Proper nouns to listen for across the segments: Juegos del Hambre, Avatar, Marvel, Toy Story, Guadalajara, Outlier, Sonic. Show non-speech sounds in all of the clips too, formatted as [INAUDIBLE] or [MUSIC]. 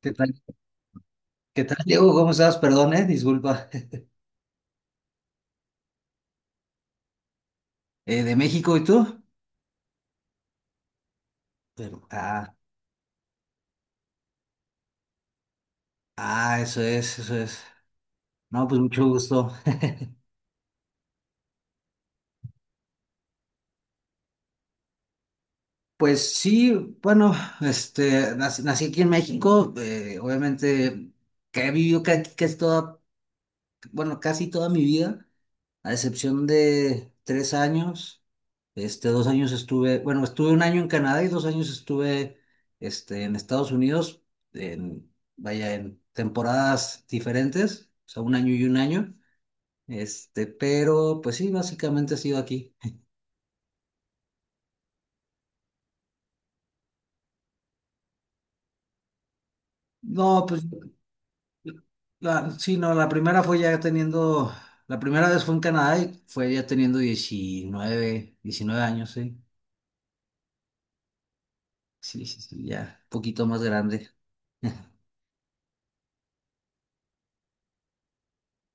¿Qué tal? ¿Qué tal, Diego? ¿Cómo estás? Perdón, disculpa. [LAUGHS] ¿De México y tú? Pero, ah, eso es, eso es. No, pues mucho gusto. Pues sí, bueno, nací aquí en México, obviamente que he vivido casi toda, bueno, casi toda mi vida, a excepción de 3 años. Dos años estuve, bueno, estuve 1 año en Canadá y 2 años estuve, en Estados Unidos, en, vaya, en temporadas diferentes, o sea, 1 año y 1 año. Pero pues sí, básicamente he sido aquí. No, pues sí, no, la primera fue ya teniendo, la primera vez fue en Canadá y fue ya teniendo 19, 19 años, sí. Sí, sí, sí, ya, un poquito más grande. [LAUGHS]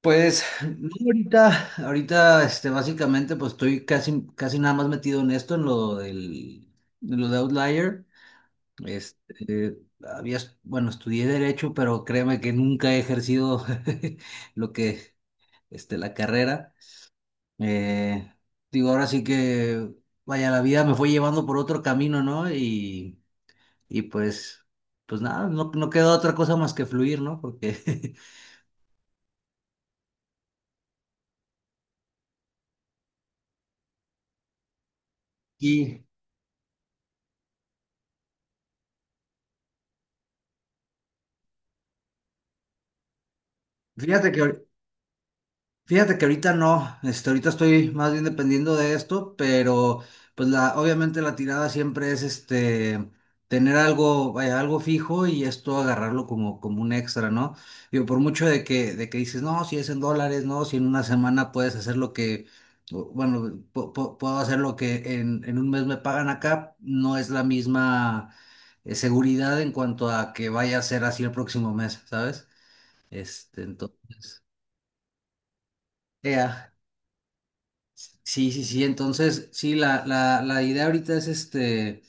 Pues no, ahorita, ahorita, básicamente, pues estoy casi, casi nada más metido en esto, en lo del, de lo de Outlier. Este, Había, bueno, estudié derecho, pero créeme que nunca he ejercido [LAUGHS] lo que, la carrera. Eh, Digo, ahora sí que, vaya, la vida me fue llevando por otro camino, ¿no? Y pues, pues nada, no, no queda otra cosa más que fluir, ¿no? Porque [LAUGHS] Y fíjate que, fíjate que ahorita no, ahorita estoy más bien dependiendo de esto, pero pues la, obviamente la tirada siempre es tener algo, vaya, algo fijo y esto agarrarlo como, como un extra, ¿no? Digo, por mucho de que dices, no, si es en dólares, no, si en una semana puedes hacer lo que, bueno, puedo hacer lo que en un mes me pagan acá, no es la misma seguridad en cuanto a que vaya a ser así el próximo mes, ¿sabes? Este, entonces. Ea, sí, sí, sí. Entonces, sí, la idea ahorita es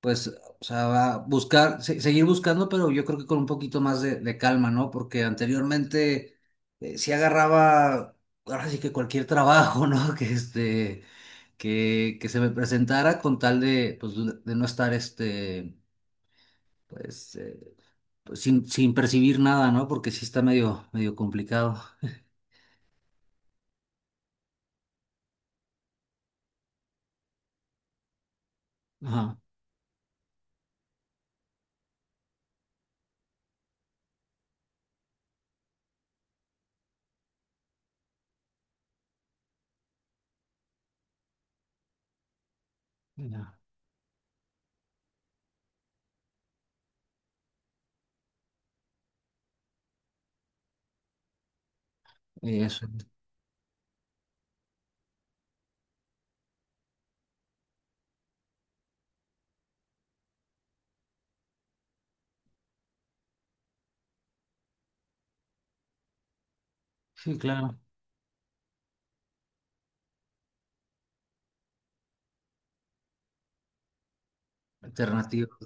pues, o sea, buscar, seguir buscando, pero yo creo que con un poquito más de calma, ¿no? Porque anteriormente sí agarraba, ahora sí que cualquier trabajo, ¿no? [LAUGHS] Que que se me presentara con tal de, pues, de no estar pues, pues, sin, sin percibir nada, ¿no? Porque sí está medio, medio complicado. Ajá. Ya. Eso. Sí, claro. Alternativa.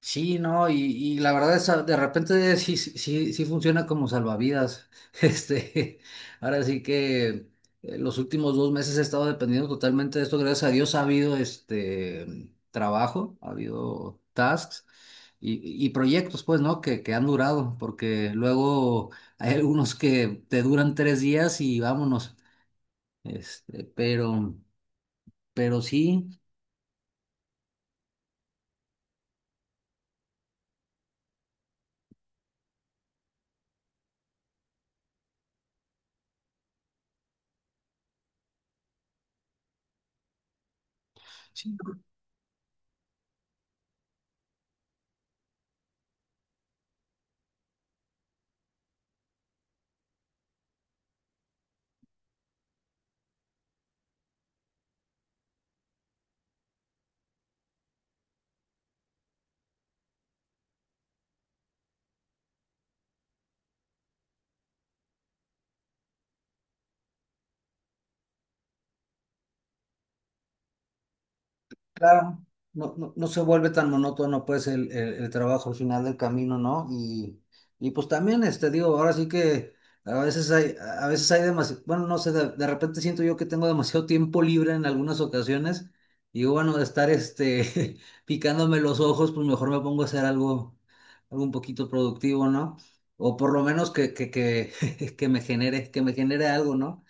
Sí, no, y la verdad es de repente sí, sí, sí funciona como salvavidas. [LAUGHS] Este, Ahora sí que los últimos 2 meses he estado dependiendo totalmente de esto. Gracias a Dios ha habido trabajo, ha habido tasks y, y proyectos, pues, ¿no? Que han durado, porque luego hay algunos que te duran 3 días y vámonos. Este, pero, pero sí. Sí. Claro, no, no, no se vuelve tan monótono pues el, el trabajo al final del camino, ¿no? Y pues también, digo, ahora sí que a veces hay demasiado, bueno, no sé, de repente siento yo que tengo demasiado tiempo libre en algunas ocasiones y digo, bueno, de estar, [LAUGHS] picándome los ojos, pues mejor me pongo a hacer algo, algo un poquito productivo, ¿no? O por lo menos que, [LAUGHS] que me genere algo, ¿no?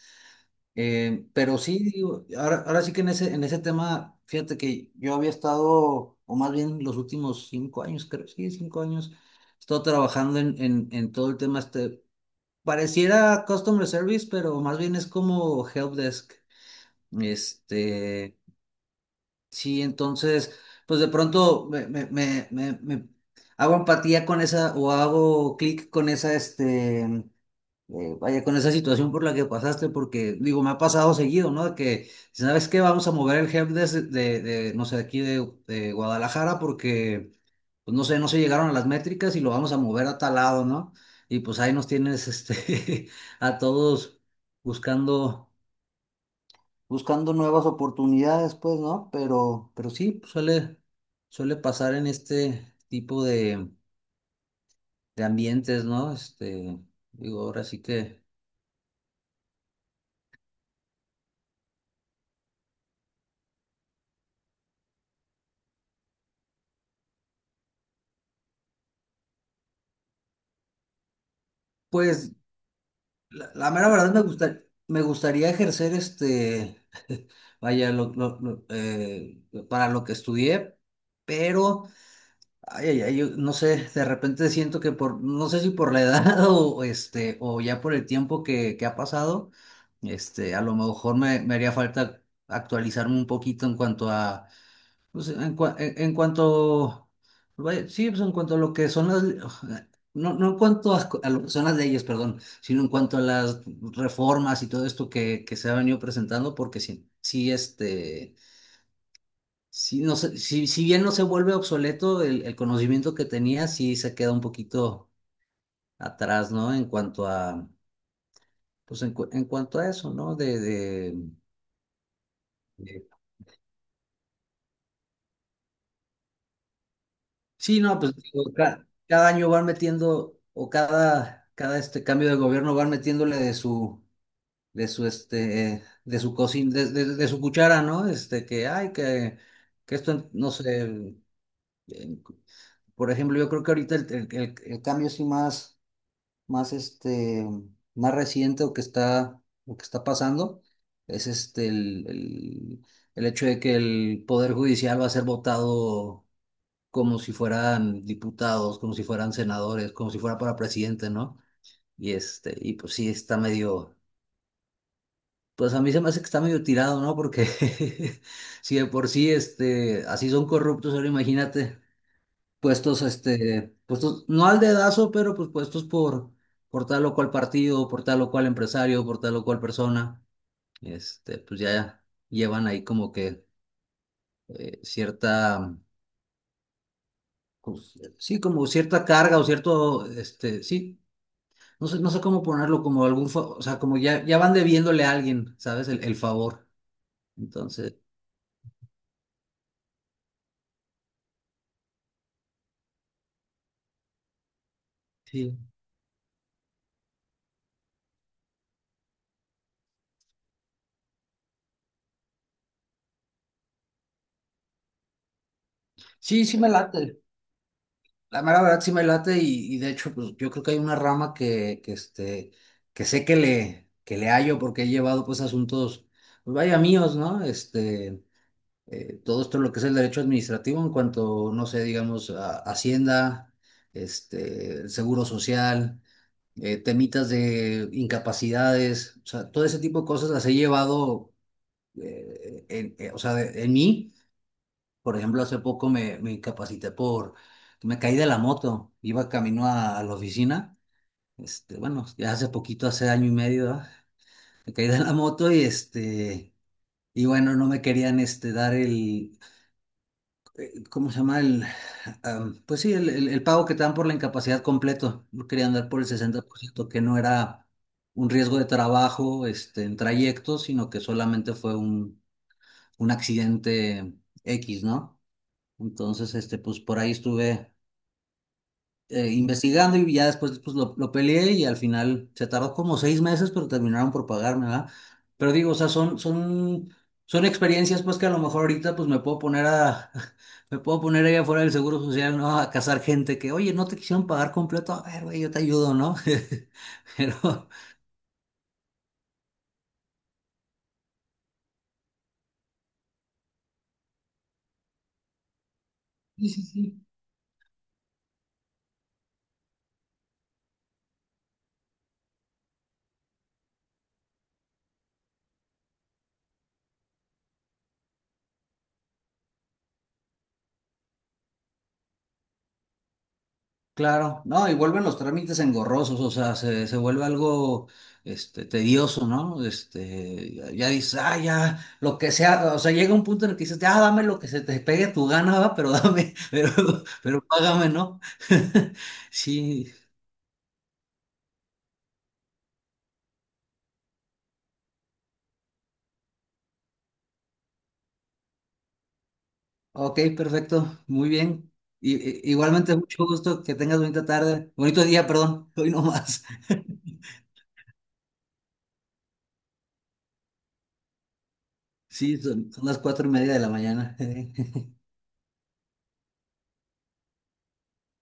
Pero sí, digo, ahora, ahora sí que en ese tema, fíjate que yo había estado, o más bien los últimos 5 años, creo, sí, 5 años, he estado trabajando en todo el tema pareciera customer service, pero más bien es como help desk. Este, sí, entonces, pues de pronto me hago empatía con esa, o hago clic con esa, vaya, con esa situación por la que pasaste, porque digo, me ha pasado seguido, ¿no? De que, ¿sabes qué? Vamos a mover el help desk de, no sé, de aquí de Guadalajara porque, pues no sé, no se llegaron a las métricas y lo vamos a mover a tal lado, ¿no? Y pues ahí nos tienes, [LAUGHS] a todos buscando, buscando nuevas oportunidades, pues, ¿no? Pero sí, suele, suele pasar en este tipo de ambientes, ¿no? Digo, ahora sí que... Pues la mera verdad me gusta, me gustaría ejercer [LAUGHS] vaya, lo, para lo que estudié, pero, ay, ay, ay, yo no sé, de repente siento que por, no sé si por la edad [LAUGHS] o o ya por el tiempo que ha pasado, a lo mejor me, me haría falta actualizarme un poquito en cuanto a pues en, en cuanto, vaya, sí, pues en cuanto a lo que son las, no, no en cuanto a lo que son las leyes, perdón, sino en cuanto a las reformas y todo esto que se ha venido presentando, porque sí, sí, sí, no sé, si bien no se vuelve obsoleto el conocimiento que tenía, sí se queda un poquito atrás, ¿no? En cuanto a, pues en, en cuanto a eso, ¿no? De, Sí, no, pues digo, cada año van metiendo, o cada, cada este cambio de gobierno van metiéndole de su, de su de su cocina, de, de su cuchara, ¿no? Que ay, que esto, no sé, eh, por ejemplo, yo creo que ahorita el, el cambio sí más, más más reciente o que está pasando, es el hecho de que el poder judicial va a ser votado como si fueran diputados, como si fueran senadores, como si fuera para presidente, ¿no? Y y pues sí, está medio, pues a mí se me hace que está medio tirado, ¿no? Porque [LAUGHS] si de por sí, así son corruptos, ahora imagínate, puestos, puestos, no al dedazo, pero pues puestos por tal o cual partido, por tal o cual empresario, por tal o cual persona, pues ya llevan ahí como que cierta, pues, sí, como cierta carga o cierto, sí, no sé, no sé cómo ponerlo, como algún, o sea, como ya, ya van debiéndole a alguien, ¿sabes? El favor. Entonces, sí. Sí, sí me late. La mera verdad sí me late y de hecho, pues yo creo que hay una rama que que sé que le hallo porque he llevado pues asuntos, pues vaya míos, ¿no? Todo esto lo que es el derecho administrativo en cuanto, no sé, digamos, Hacienda, el Seguro Social, temitas de incapacidades, o sea, todo ese tipo de cosas las he llevado, o sea, en mí. Por ejemplo, hace poco me, me incapacité por, me caí de la moto, iba camino a la oficina, bueno, ya hace poquito, hace 1 año y medio, ¿verdad? Me caí de la moto y este... Y bueno, no me querían dar el, ¿cómo se llama el? Pues sí, el, el pago que te dan por la incapacidad completo. Yo quería andar por el 60%, que no era un riesgo de trabajo, en trayecto, sino que solamente fue un accidente X, ¿no? Entonces, pues por ahí estuve investigando y ya después pues, lo peleé y al final se tardó como 6 meses, pero terminaron por pagarme, ¿verdad? Pero digo, o sea, son, son, son experiencias pues que a lo mejor ahorita pues me puedo poner a, [LAUGHS] me puedo poner ahí afuera del Seguro Social, ¿no? A cazar gente que, oye, no te quisieron pagar completo, a ver, güey, yo te ayudo, ¿no? [LAUGHS] Pero, claro, no, y vuelven los trámites engorrosos, o sea, se vuelve algo tedioso, ¿no? Ya, ya dices, ah, ya, lo que sea, o sea, llega un punto en el que dices, ah, dame lo que se te pegue tu gana, va, pero dame, [LAUGHS] pero págame, ¿no? [LAUGHS] Sí, ok, perfecto, muy bien. Y, igualmente, mucho gusto, que tengas bonita tarde, bonito día, perdón, hoy no más. [LAUGHS] Sí, son, son las 4 y media de la mañana. [LAUGHS]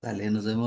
Dale, nos vemos.